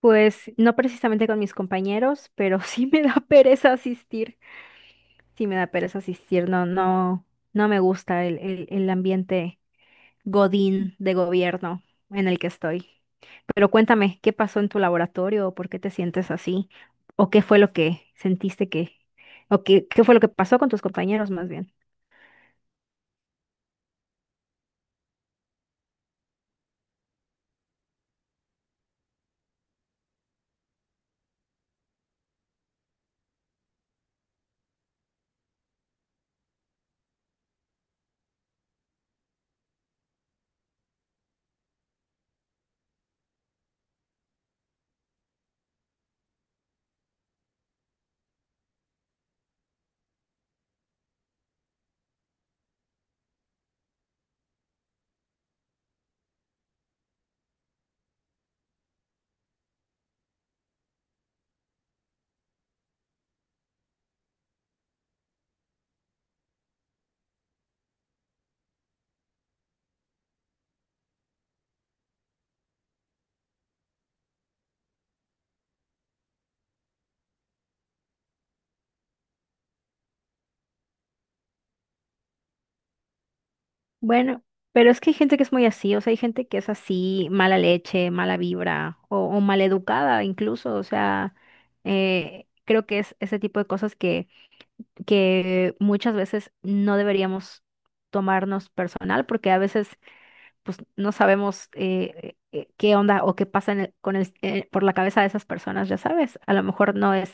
Pues no precisamente con mis compañeros, pero sí me da pereza asistir. Sí me da pereza asistir. No, no, no me gusta el ambiente godín de gobierno en el que estoy. Pero cuéntame, ¿qué pasó en tu laboratorio? ¿Por qué te sientes así? ¿O qué fue lo que sentiste o qué fue lo que pasó con tus compañeros más bien? Bueno, pero es que hay gente que es muy así, o sea, hay gente que es así, mala leche, mala vibra o maleducada incluso, o sea, creo que es ese tipo de cosas que muchas veces no deberíamos tomarnos personal porque a veces pues no sabemos qué onda o qué pasa en el- con el por la cabeza de esas personas, ya sabes, a lo mejor no es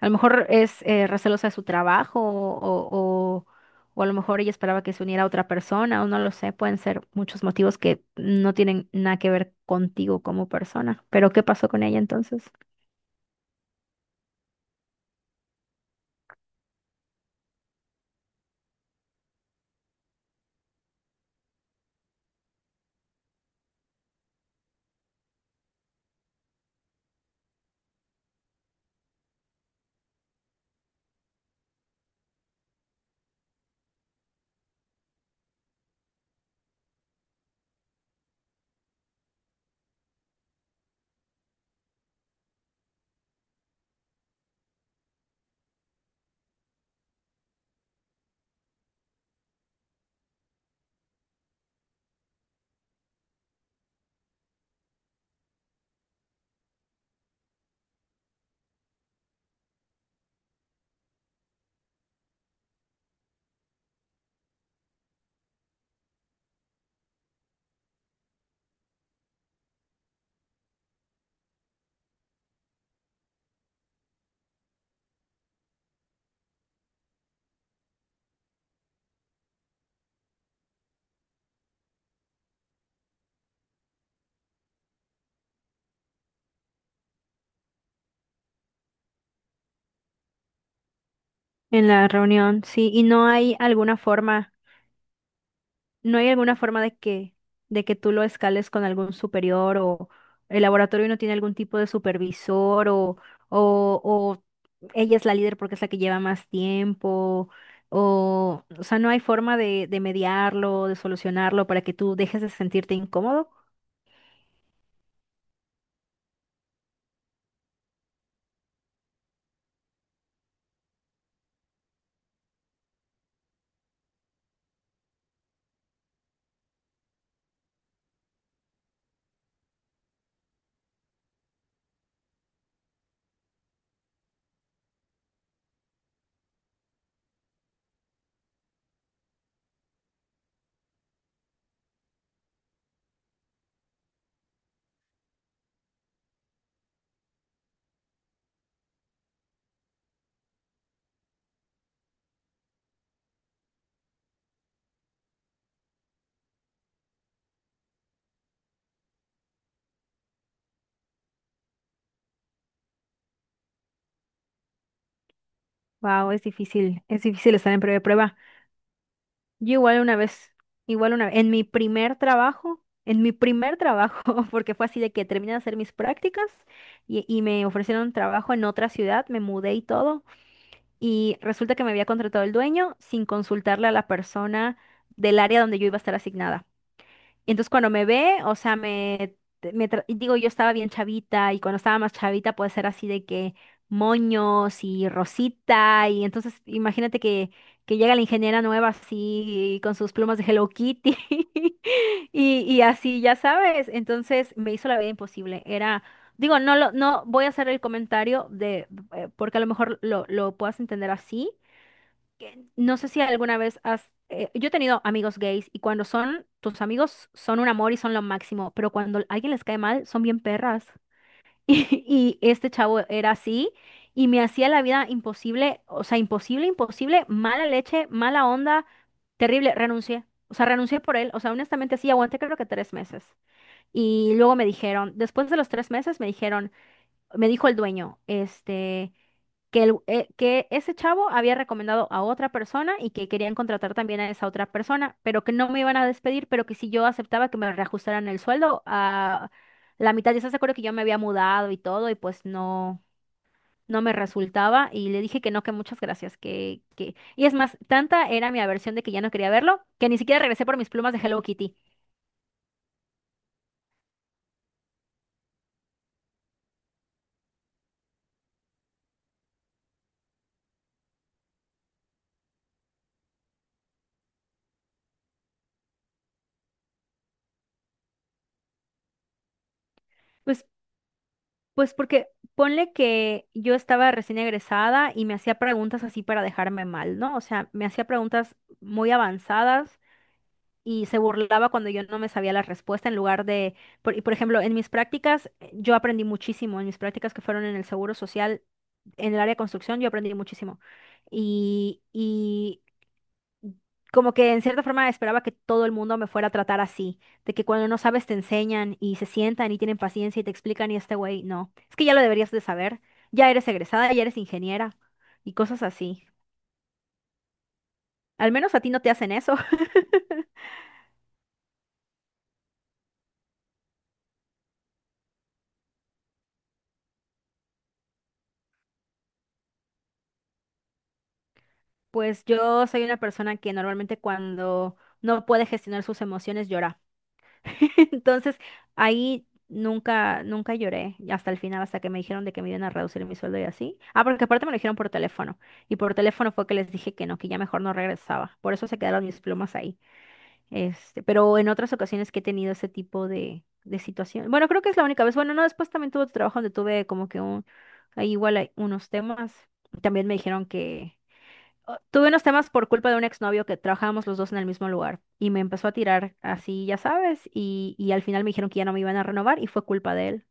a lo mejor es recelosa de su trabajo o, o a lo mejor ella esperaba que se uniera a otra persona o no lo sé. Pueden ser muchos motivos que no tienen nada que ver contigo como persona. Pero ¿qué pasó con ella entonces? En la reunión, sí. ¿Y no hay alguna forma? ¿No hay alguna forma de que tú lo escales con algún superior o el laboratorio no tiene algún tipo de supervisor o ella es la líder porque es la que lleva más tiempo? O sea, ¿no hay forma de mediarlo, de solucionarlo para que tú dejes de sentirte incómodo? Wow, es difícil estar en prueba de prueba. Yo igual una vez, en mi primer trabajo, en mi primer trabajo, porque fue así de que terminé de hacer mis prácticas y me ofrecieron trabajo en otra ciudad, me mudé y todo, y resulta que me había contratado el dueño sin consultarle a la persona del área donde yo iba a estar asignada. Y entonces cuando me ve, o sea, me tra- y digo, yo estaba bien chavita y cuando estaba más chavita puede ser así de que moños y rosita y entonces imagínate que llega la ingeniera nueva así con sus plumas de Hello Kitty y así, ya sabes, entonces me hizo la vida imposible. Era, digo, no voy a hacer el comentario de, porque a lo mejor lo puedas entender así que no sé si alguna vez has... yo he tenido amigos gays y cuando son tus amigos son un amor y son lo máximo, pero cuando alguien les cae mal son bien perras. Y, y este chavo era así y me hacía la vida imposible, o sea, imposible, imposible, mala leche, mala onda, terrible, renuncié. O sea, renuncié por él, o sea, honestamente sí, aguanté creo que tres meses. Y luego me dijeron, después de los tres meses me dijeron, me dijo el dueño, este que, el- que ese chavo había recomendado a otra persona y que querían contratar también a esa otra persona, pero que no me iban a despedir, pero que si yo aceptaba que me reajustaran el sueldo a la mitad, ya se acuerdo que yo me había mudado y todo y pues no, no me resultaba y le dije que no, que muchas gracias, que... Y es más, tanta era mi aversión de que ya no quería verlo, que ni siquiera regresé por mis plumas de Hello Kitty. Pues porque ponle que yo estaba recién egresada y me hacía preguntas así para dejarme mal, ¿no? O sea, me hacía preguntas muy avanzadas y se burlaba cuando yo no me sabía la respuesta en lugar y por ejemplo, en mis prácticas yo aprendí muchísimo, en mis prácticas que fueron en el Seguro Social, en el área de construcción, yo aprendí muchísimo. Y, como que en cierta forma esperaba que todo el mundo me fuera a tratar así, de que cuando no sabes te enseñan y se sientan y tienen paciencia y te explican y este güey, no, es que ya lo deberías de saber, ya eres egresada, ya eres ingeniera y cosas así. Al menos a ti no te hacen eso. Pues yo soy una persona que normalmente cuando no puede gestionar sus emociones llora. Entonces, ahí nunca, nunca lloré hasta el final, hasta que me dijeron de que me iban a reducir mi sueldo y así. Ah, porque aparte me lo dijeron por teléfono. Y por teléfono fue que les dije que no, que ya mejor no regresaba. Por eso se quedaron mis plumas ahí. Este, pero en otras ocasiones que he tenido ese tipo de situación. Bueno, creo que es la única vez. Bueno, no, después también tuve otro trabajo donde tuve como que ahí igual hay unos temas. También me dijeron que o- tuve unos temas por culpa de un exnovio que trabajábamos los dos en el mismo lugar y me empezó a tirar así, ya sabes, y al final me dijeron que ya no me iban a renovar y fue culpa de él.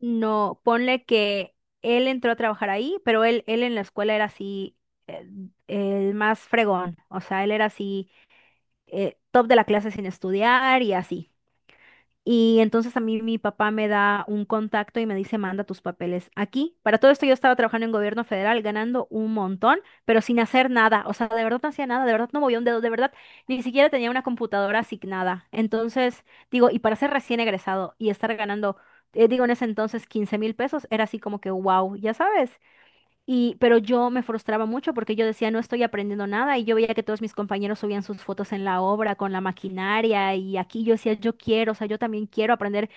No, ponle que él entró a trabajar ahí, pero él en la escuela era así, eh, el más fregón, o sea, él era así, top de la clase sin estudiar y así. Y entonces a mí mi papá me da un contacto y me dice, manda tus papeles aquí. Para todo esto yo estaba trabajando en gobierno federal, ganando un montón, pero sin hacer nada. O sea, de verdad no hacía nada, de verdad no movía un dedo, de verdad ni siquiera tenía una computadora asignada. Entonces, digo, y para ser recién egresado y estar ganando, digo, en ese entonces 15,000 pesos, era así como que, wow, ya sabes. Y, pero yo me frustraba mucho porque yo decía, no estoy aprendiendo nada y yo veía que todos mis compañeros subían sus fotos en la obra con la maquinaria y aquí yo decía, yo quiero, o sea, yo también quiero aprender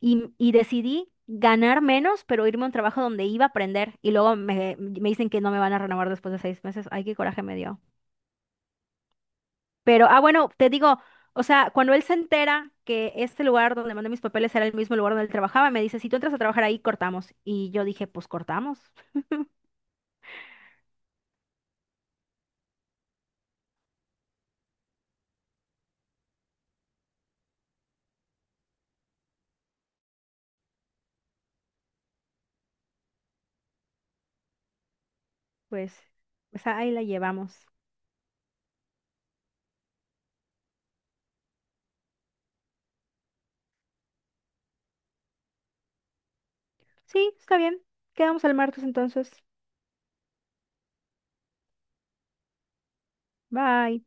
y decidí ganar menos, pero irme a un trabajo donde iba a aprender y luego me dicen que no me van a renovar después de 6 meses. Ay, qué coraje me dio. Pero, ah, bueno, te digo, o sea, cuando él se entera que este lugar donde mandé mis papeles era el mismo lugar donde él trabajaba, me dice, si tú entras a trabajar ahí, cortamos. Y yo dije, pues cortamos, pues, pues ahí la llevamos. Sí, está bien. Quedamos el martes entonces. Bye.